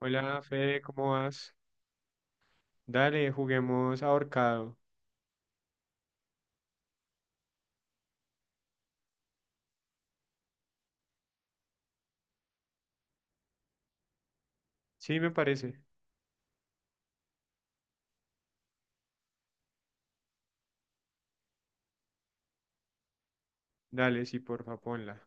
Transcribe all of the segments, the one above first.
Hola, Fede, ¿cómo vas? Dale, juguemos ahorcado. Sí, me parece. Dale, sí, porfa, ponla.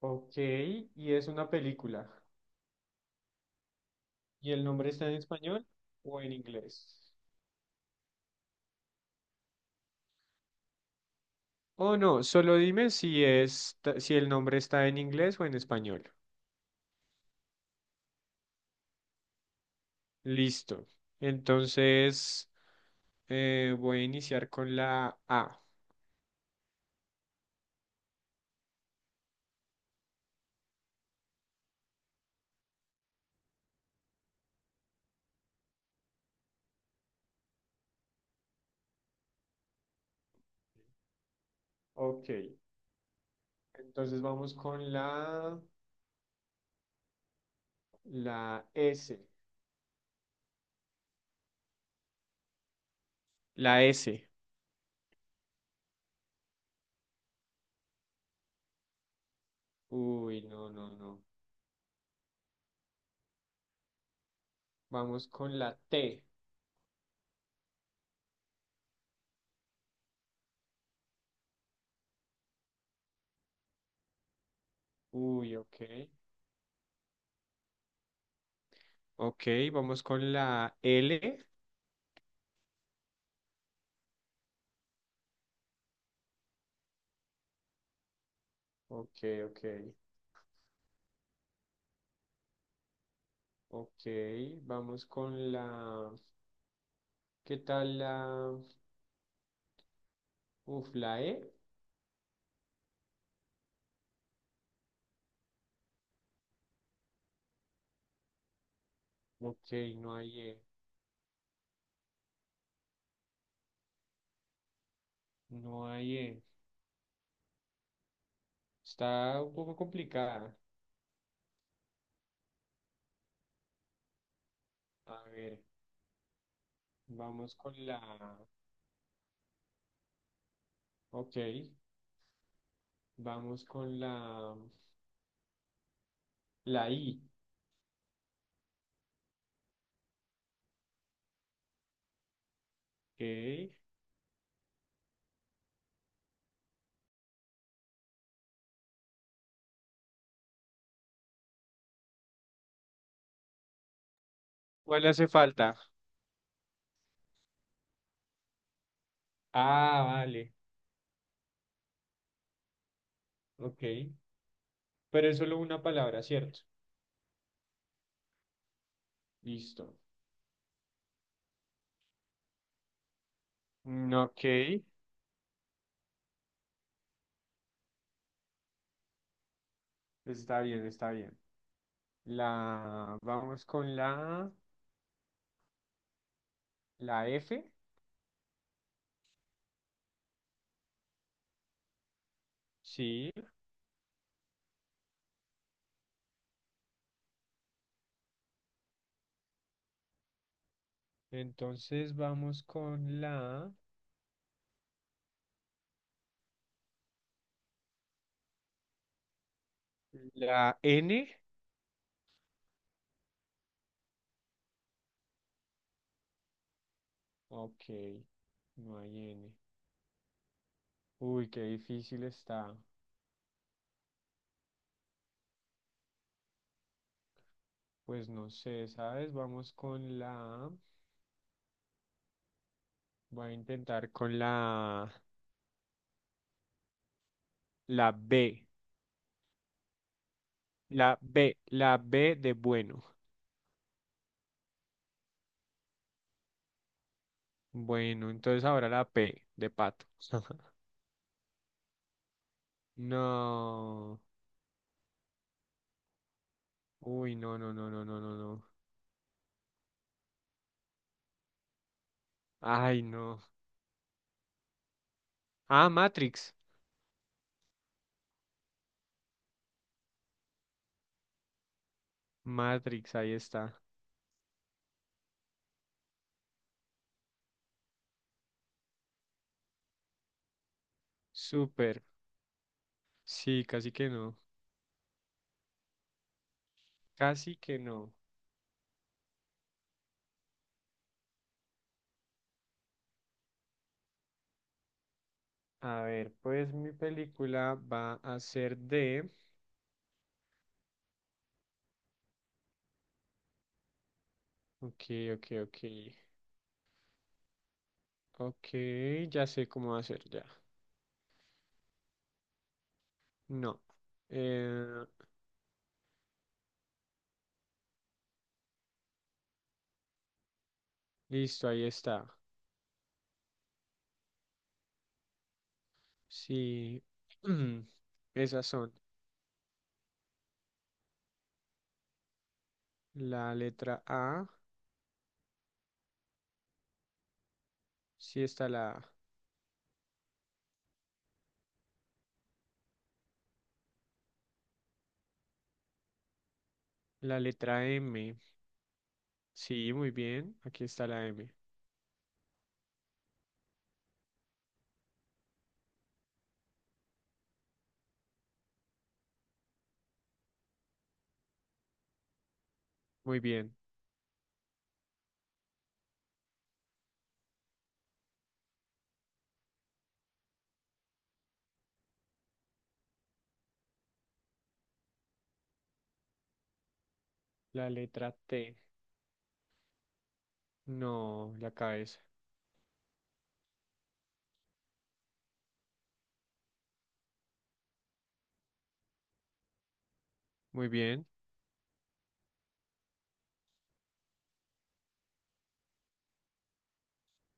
Ok, y es una película. ¿Y el nombre está en español o en inglés? Oh, no, solo dime si es, si el nombre está en inglés o en español. Listo. Entonces, voy a iniciar con la A. Ok, entonces vamos con la S. La S. Uy, no, no, no. Vamos con la T. Uy, ok. Ok, vamos con la L. Ok, ok. Ok, vamos con la… ¿Qué tal la… Uf, la E? Ok, no hay E. No hay E. Está un poco complicada. A ver, vamos con la… Ok, vamos con la… La I. Ok. ¿Cuál hace falta? Ah, vale. Ok. Pero es solo una palabra, ¿cierto? Listo. Mm, ok, está bien, está bien. La vamos con la F. Sí, entonces vamos con la N. Ok, no hay N. Uy, qué difícil está. Pues no sé, ¿sabes? Vamos con la, voy a intentar con la B. La B, la B de bueno. Bueno, entonces ahora la P de pato. No. Uy, no, no, no, no, no, no, no. Ay, no. Ah, Matrix. Matrix, ahí está. Súper. Sí, casi que no. Casi que no. A ver, pues mi película va a ser de… Ok, ok, ok. Ok, ya sé cómo hacer ya. No. Eh, listo, ahí está. Sí. Esas son. La letra A. Sí está la A. La letra M. Sí, muy bien. Aquí está la M. Muy bien. La letra T. No, la cabeza. Muy bien.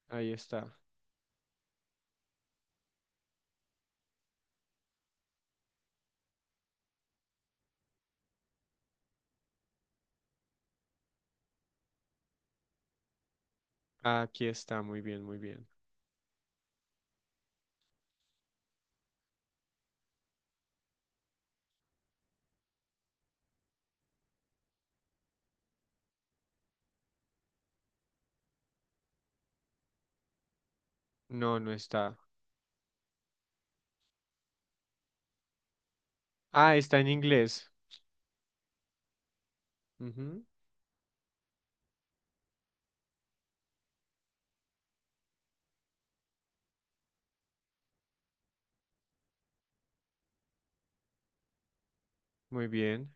Ahí está. Aquí está. Muy bien, muy bien. No, no está. Ah, está en inglés. Ujú. Muy bien.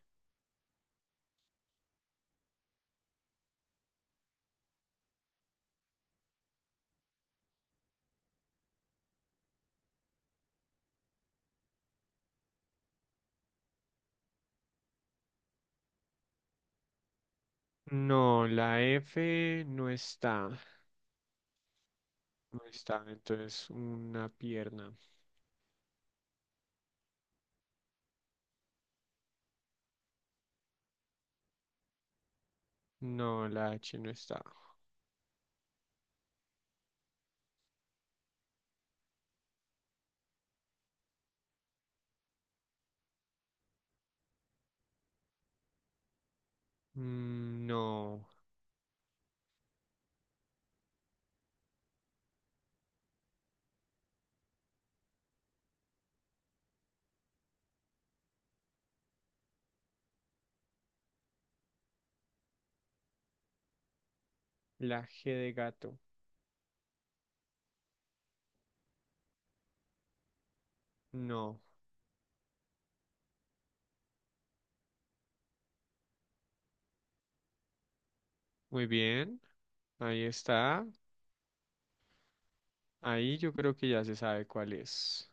No, la F no está. No está. Entonces, una pierna. No, la H no está. Mm, no. La G de gato. No. Muy bien. Ahí está. Ahí yo creo que ya se sabe cuál es.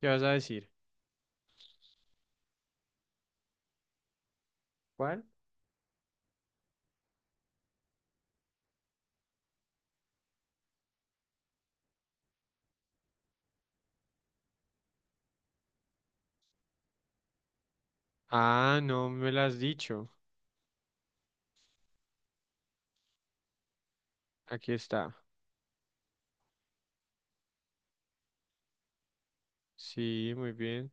¿Qué vas a decir? ¿Cuál? Ah, no me lo has dicho. Aquí está. Sí, muy bien,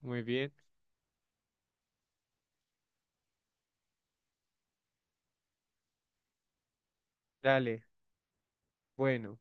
muy bien. Dale, bueno.